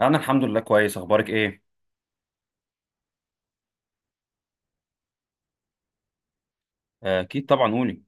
انا الحمد لله كويس، اخبارك ايه؟ آه، اكيد طبعا قولي.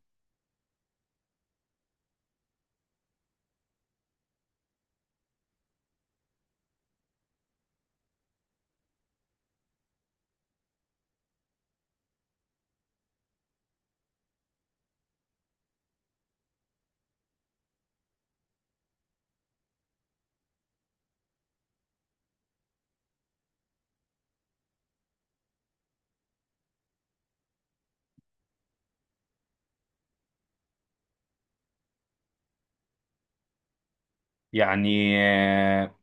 يعني آه،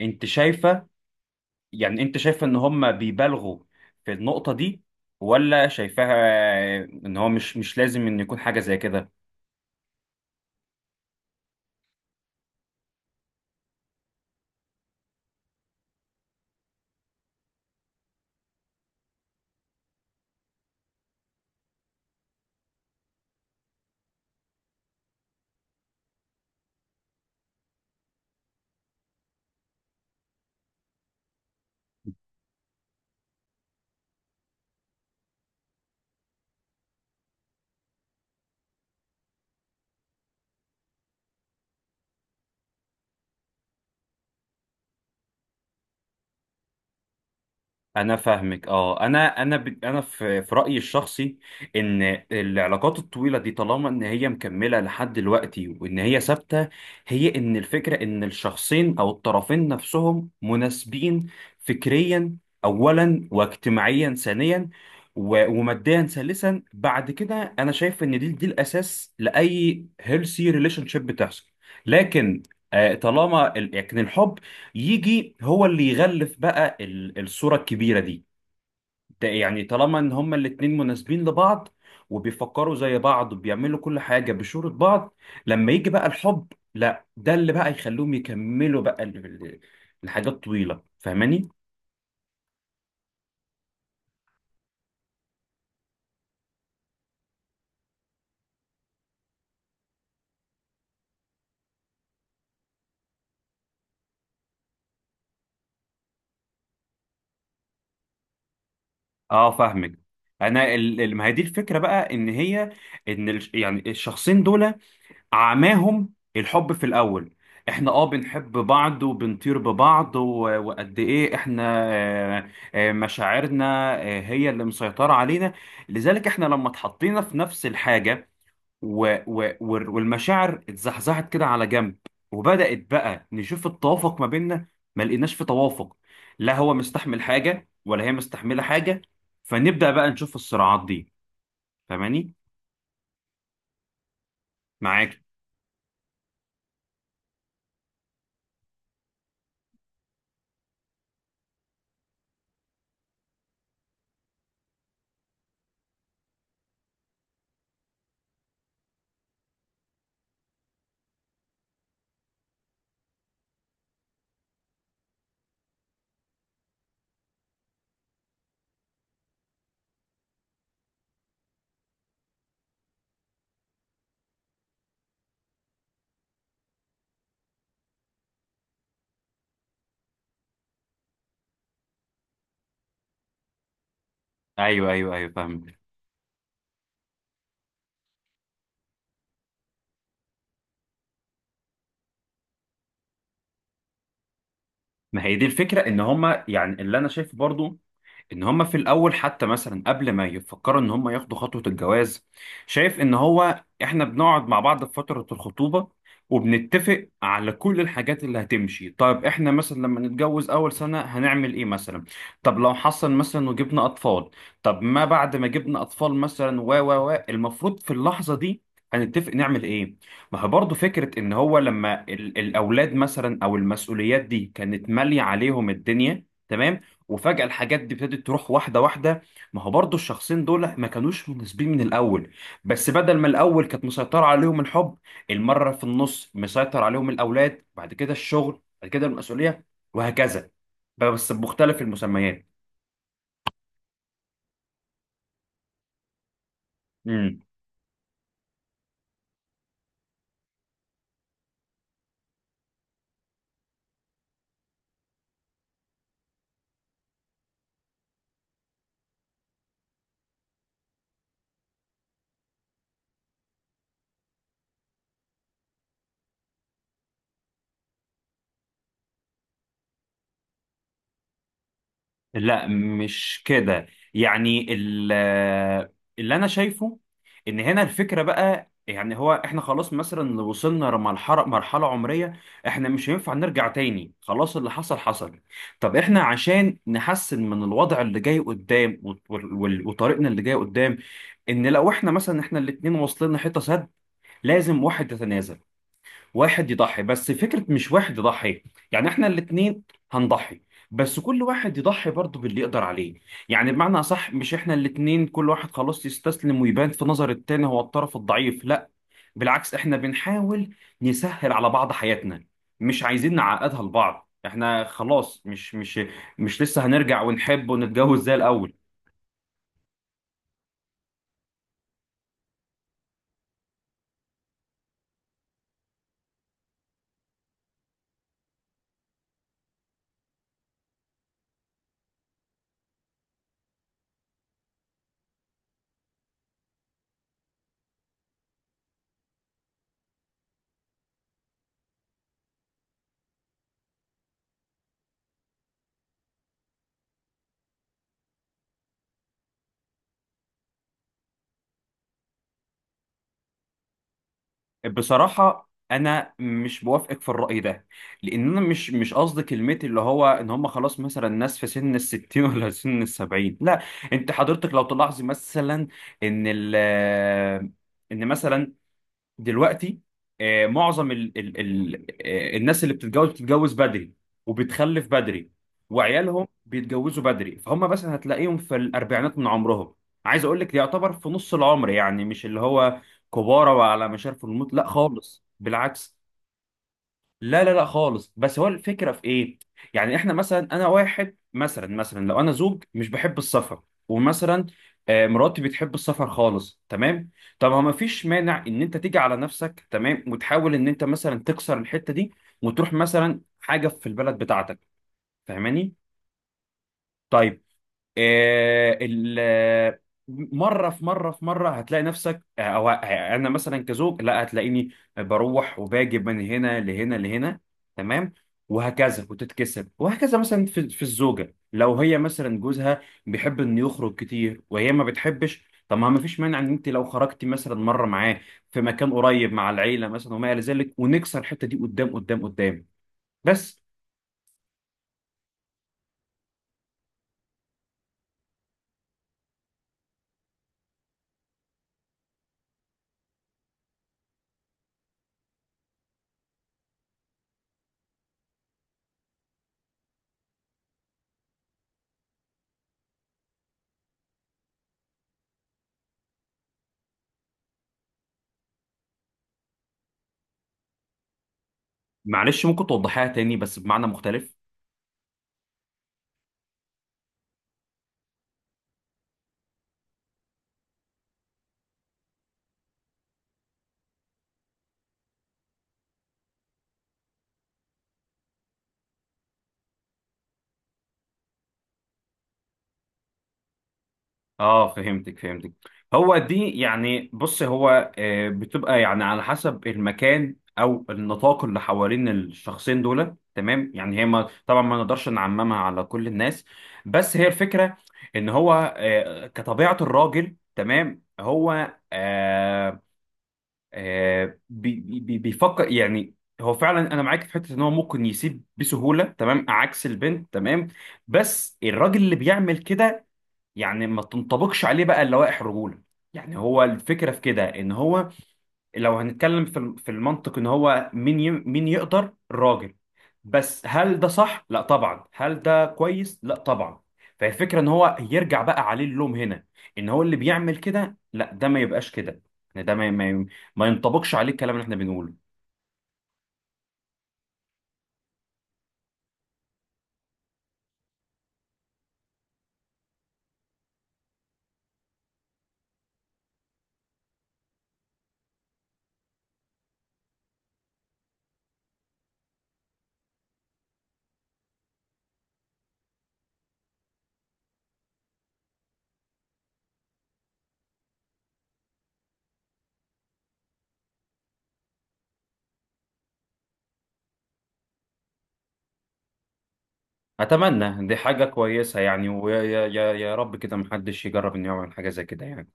انت شايفه؟ انت شايفه ان هم بيبالغوا في النقطه دي ولا شايفاها آه، ان هو مش لازم ان يكون حاجه زي كده؟ انا فاهمك، اه. انا في رايي الشخصي ان العلاقات الطويله دي طالما ان هي مكمله لحد دلوقتي وان هي ثابته، هي ان الفكره ان الشخصين او الطرفين نفسهم مناسبين فكريا اولا، واجتماعيا ثانيا، وماديا ثالثا. بعد كده انا شايف ان دي الاساس لاي هيلثي ريليشن شيب بتحصل. لكن لكن الحب يجي هو اللي يغلف بقى الصورة الكبيرة دي. ده يعني طالما ان هما الاتنين مناسبين لبعض، وبيفكروا زي بعض، وبيعملوا كل حاجة بشورة بعض، لما يجي بقى الحب لا، ده اللي بقى يخلوهم يكملوا بقى الحاجات طويلة. فاهماني؟ اه فاهمك. انا ما هي دي الفكرة بقى ان هي ان يعني الشخصين دول عماهم الحب في الأول. احنا اه بنحب بعض وبنطير ببعض، وقد ايه احنا آه، آه، مشاعرنا آه، هي اللي مسيطرة علينا. لذلك احنا لما اتحطينا في نفس الحاجة والمشاعر اتزحزحت كده على جنب، وبدأت بقى نشوف التوافق ما بيننا، ما لقيناش في توافق، لا هو مستحمل حاجة ولا هي مستحملة حاجة، فنبدأ بقى نشوف الصراعات دي. فاهماني؟ معاك. ايوه ايوه ايوه فاهم. ما هي دي الفكره ان هما يعني، اللي انا شايفه برضو ان هم في الاول حتى مثلا قبل ما يفكروا ان هم ياخدوا خطوة الجواز، شايف ان هو احنا بنقعد مع بعض في فترة الخطوبة وبنتفق على كل الحاجات اللي هتمشي. طيب احنا مثلا لما نتجوز اول سنة هنعمل ايه مثلا؟ طب لو حصل مثلا وجبنا اطفال، طب ما بعد ما جبنا اطفال مثلا و و و المفروض في اللحظة دي هنتفق نعمل ايه؟ ما هو برضه فكرة ان هو لما الاولاد مثلا او المسؤوليات دي كانت مالية عليهم الدنيا تمام، وفجأة الحاجات دي ابتدت تروح واحدة واحدة، ما هو برضو الشخصين دول ما كانوش مناسبين من الأول. بس بدل ما الأول كانت مسيطرة عليهم الحب، المرة في النص مسيطر عليهم الأولاد، بعد كده الشغل، بعد كده المسؤولية، وهكذا، بس بمختلف المسميات. لا مش كده. يعني ال- اللي انا شايفه ان هنا الفكره بقى، يعني هو احنا خلاص مثلا وصلنا مرحله عمريه، احنا مش هينفع نرجع تاني، خلاص اللي حصل حصل. طب احنا عشان نحسن من الوضع اللي جاي قدام وطريقنا اللي جاي قدام، ان لو احنا مثلا احنا الاتنين واصلين لحته سد، لازم واحد يتنازل، واحد يضحي، بس فكرة مش واحد يضحي، يعني احنا الاتنين هنضحي، بس كل واحد يضحي برضه باللي يقدر عليه. يعني بمعنى أصح، مش احنا الاتنين كل واحد خلاص يستسلم ويبان في نظر التاني هو الطرف الضعيف، لا، بالعكس احنا بنحاول نسهل على بعض حياتنا، مش عايزين نعقدها لبعض. احنا خلاص مش لسه هنرجع ونحب ونتجوز زي الأول. بصراحة أنا مش بوافقك في الرأي ده، لأن أنا مش قصدي كلمة اللي هو إن هم خلاص مثلا ناس في سن الستين ولا سن السبعين، لا. أنت حضرتك لو تلاحظي مثلا إن ال، إن مثلا دلوقتي آه، معظم ال ال ال آه، الناس اللي بتتجوز بتتجوز بدري، وبتخلف بدري، وعيالهم بيتجوزوا بدري، فهم مثلا هتلاقيهم في الاربعينات من عمرهم. عايز اقول لك يعتبر في نص العمر، يعني مش اللي هو كبارة وعلى مشارف الموت، لا خالص، بالعكس. لا لا لا خالص، بس هو الفكرة في ايه؟ يعني احنا مثلا، انا واحد مثلا لو انا زوج مش بحب السفر، ومثلا آه، مراتي بتحب السفر خالص، تمام؟ طب ما فيش مانع ان انت تيجي على نفسك، تمام، وتحاول ان انت مثلا تكسر الحتة دي، وتروح مثلا حاجة في البلد بتاعتك. فاهماني؟ طيب آه، ال آه، مره هتلاقي نفسك آه، او آه، انا مثلا كزوج لا، هتلاقيني بروح وباجي من هنا لهنا لهنا، تمام، وهكذا وتتكسب وهكذا. مثلا في الزوجه لو هي مثلا جوزها بيحب انه يخرج كتير وهي ما بتحبش، طب ما فيش مانع ان انت لو خرجتي مثلا مره معاه في مكان قريب مع العيله مثلا وما الى ذلك، ونكسر الحته دي قدام. بس معلش ممكن توضحيها تاني بس بمعنى مختلف؟ اه فهمتك فهمتك. هو دي يعني، بص، هو آه، بتبقى يعني على حسب المكان او النطاق اللي حوالين الشخصين دول، تمام؟ يعني هي ما طبعا ما نقدرش نعممها على كل الناس، بس هي الفكرة ان هو آه، كطبيعة الراجل، تمام، هو آه، آه، بيفكر يعني. هو فعلا انا معاك في حته ان هو ممكن يسيب بسهوله، تمام، عكس البنت، تمام. بس الراجل اللي بيعمل كده يعني ما تنطبقش عليه بقى اللوائح الرجوله. يعني هو الفكره في كده ان هو لو هنتكلم في في المنطق ان هو مين مين يقدر الراجل؟ بس هل ده صح؟ لا طبعا. هل ده كويس؟ لا طبعا. فالفكره ان هو يرجع بقى عليه اللوم هنا ان هو اللي بيعمل كده، لا، ده ما يبقاش كده، يعني ده ما ينطبقش عليه الكلام اللي احنا بنقوله. اتمنى، دي حاجه كويسه يعني، ويا يا يا يا رب كده محدش يجرب انه يعمل حاجه زي كده يعني.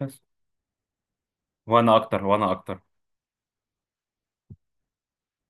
بس، وانا اكتر، وانا اكتر.